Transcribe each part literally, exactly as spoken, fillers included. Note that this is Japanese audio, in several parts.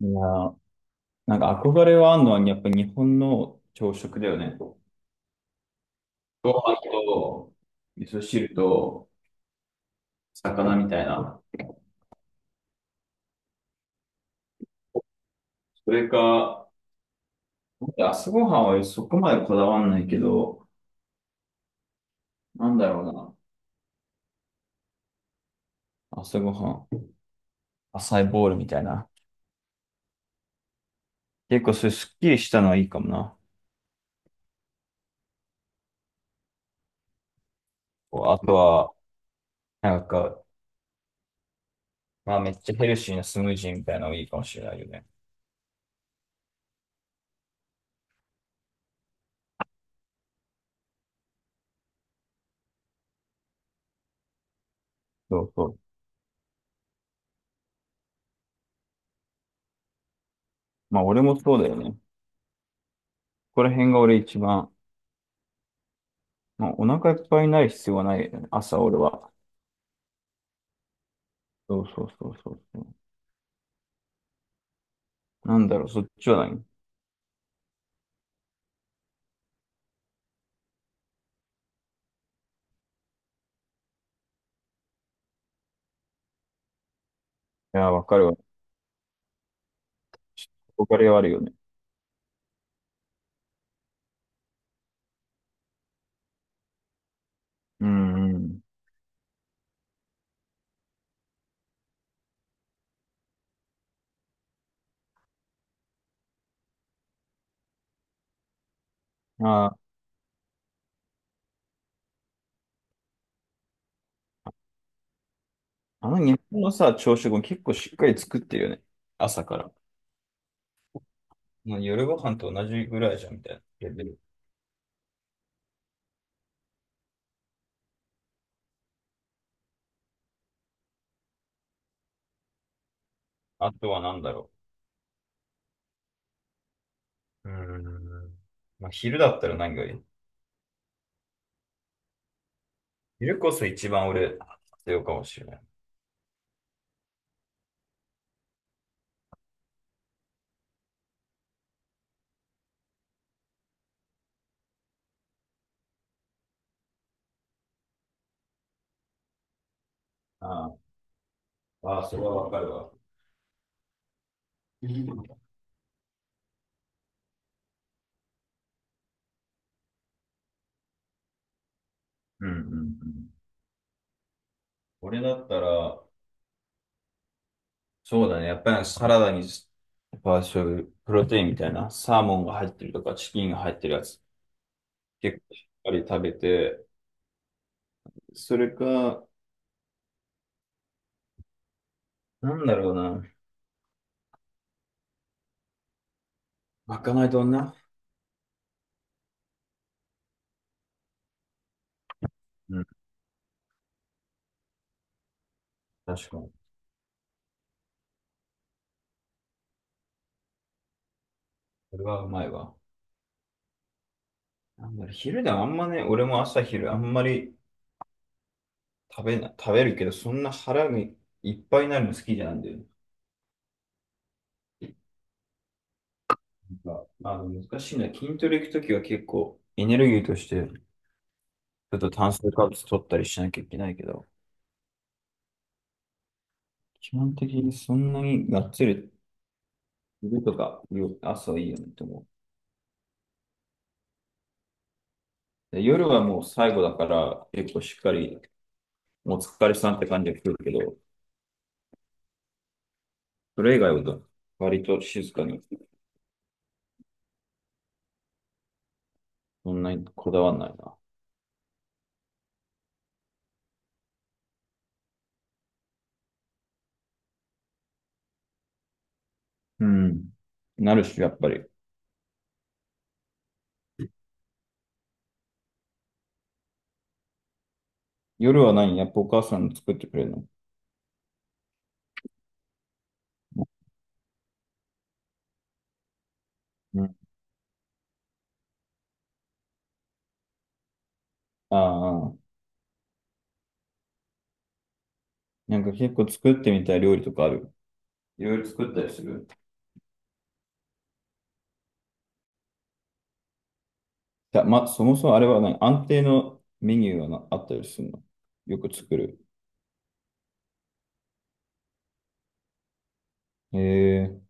いやー、なんか憧れはあるのは、やっぱ日本の朝食だよね。ご飯と、味噌汁と、魚みたいな。それか、朝ごはんはそこまでこだわんないけど、なんだろうな。朝ごはん、浅いボールみたいな。結構それすっきりしたのはいいかもな。こうあとは、なんか、まあめっちゃヘルシーなスムージーみたいなのもいいかもしれないよね。そうそう。まあ俺もそうだよね。ここら辺が俺一番、まあ、お腹いっぱいになる必要はないよね。朝俺は。そうそうそうそうそう。なんだろう、そっちは何。いやー、わかるわ。憧れはあるよね。うんうん。あー、あの日本のさ、朝食も結構しっかり作ってるよね。朝から。まあ夜ご飯と同じぐらいじゃん、みたいな。レベル、あとは何だろう。うーん。まあ、昼だったら何がいい？昼こそ一番俺、必要かもしれない。ああ、ああそれはわかるわ。うんうんうん。俺だったら、そうだね。やっぱりサラダに、パーショル、プロテインみたいな、サーモンが入ってるとか、チキンが入ってるやつ、結構しっかり食べて、それか、なんだろうな。まかない丼な。うん、確かに。それはうまいわ。なんだろう、昼でもあんまね、俺も朝昼あんまり食べな、食べるけど、そんな腹がいっぱいになるの好きじゃないんだよね。なんか、まあ、難しいな。筋トレ行くときは結構、エネルギーとして、ちょっと炭水化物取ったりしなきゃいけないけど、基本的にそんなにがっつり昼とか夜朝いいよねと思う。で夜はもう最後だから結構しっかりお疲れさんって感じが来るけど、それ以外は割と静かにそんなにこだわんないな。うん。なるし、やっぱり。夜は何やっぱお母さん作ってくれるの？うん。ああ、なんか結構作ってみたい料理とかある？いろいろ作ったりする？じゃあ、ま、そもそもあれは何、安定のメニューはなあったりするの？よく作る。へえ。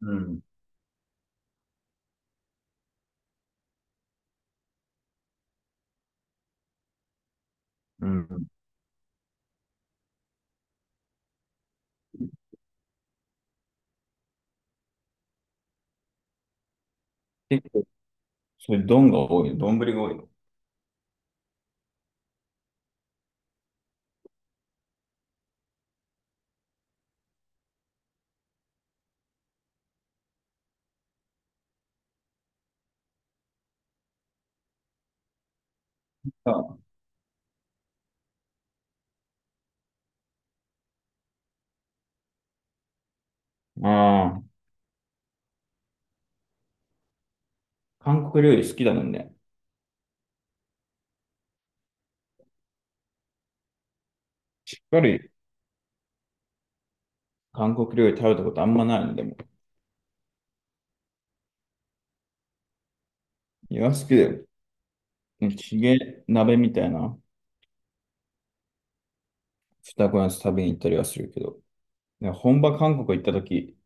うん。うん。結構、そういう丼が多いの？丼が多いの？ああー、韓国料理好きだもんね。しっかり韓国料理食べたことあんまないのでも。いや、好きだよ。ねチゲ鍋みたいな二子のやつ食べに行ったりはするけど。いや本場韓国行った時、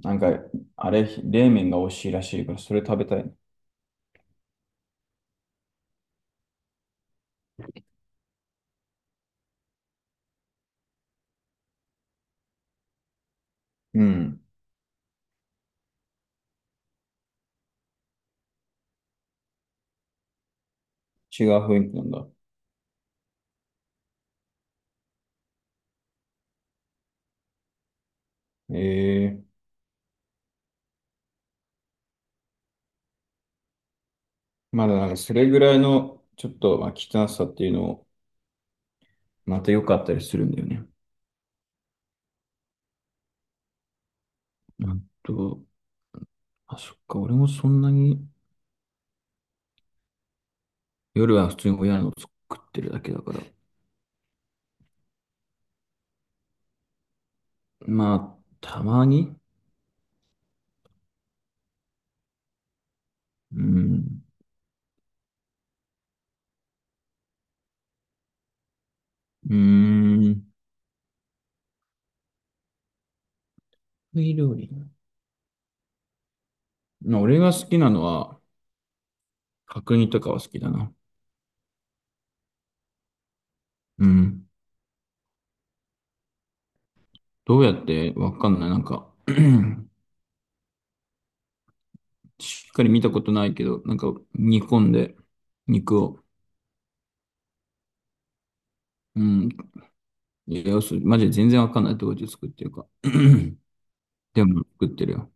なんか、あれ、冷麺が美味しいらしいから、それ食べたい。うん。違う雰囲気なんだ。ええ、まだなんかそれぐららいの、ちょっと、まあ、汚さっていうのを、また良かったりするんだよね。あと、あ、そっか、俺もそんなに、夜は普通に親の作ってるだけだから。まあ、たまに。うん。うーん。得意料理。まあ、俺が好きなのは、角煮とかは好きだな。うん。どうやってわかんない。なんか しっかり見たことないけど、なんか煮込んで、肉を。うん。いや、そうマジで全然わかんないところで作ってるか。でも作ってるよ。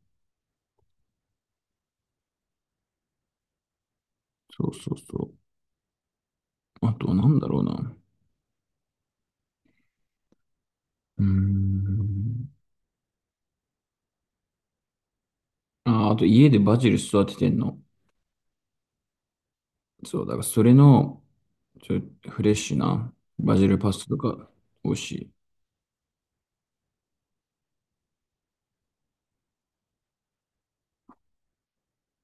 そうそうそう。あと、なんだろうな。うーん。あー、あと家でバジル育ててんの。そう、だからそれの、ちょ、フレッシュなバジルパスタとか美味しい。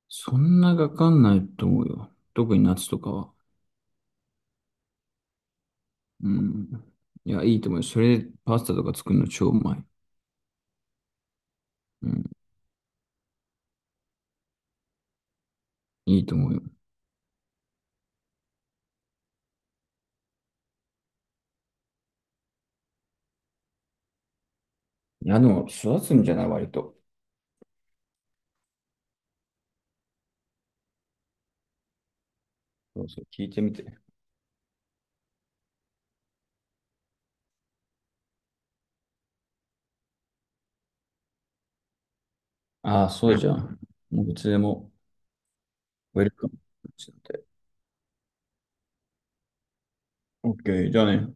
そんなかかんないと思うよ。特に夏とかは。うん。いや、いいと思うよ。それでパスタとか作るの超うまい。うん。いいと思うよ。いや、でも育つんじゃない割と。そうそう、聞いてみて。ああ、そうじゃん。もういつでもウェルカム。オッケー、じゃあね。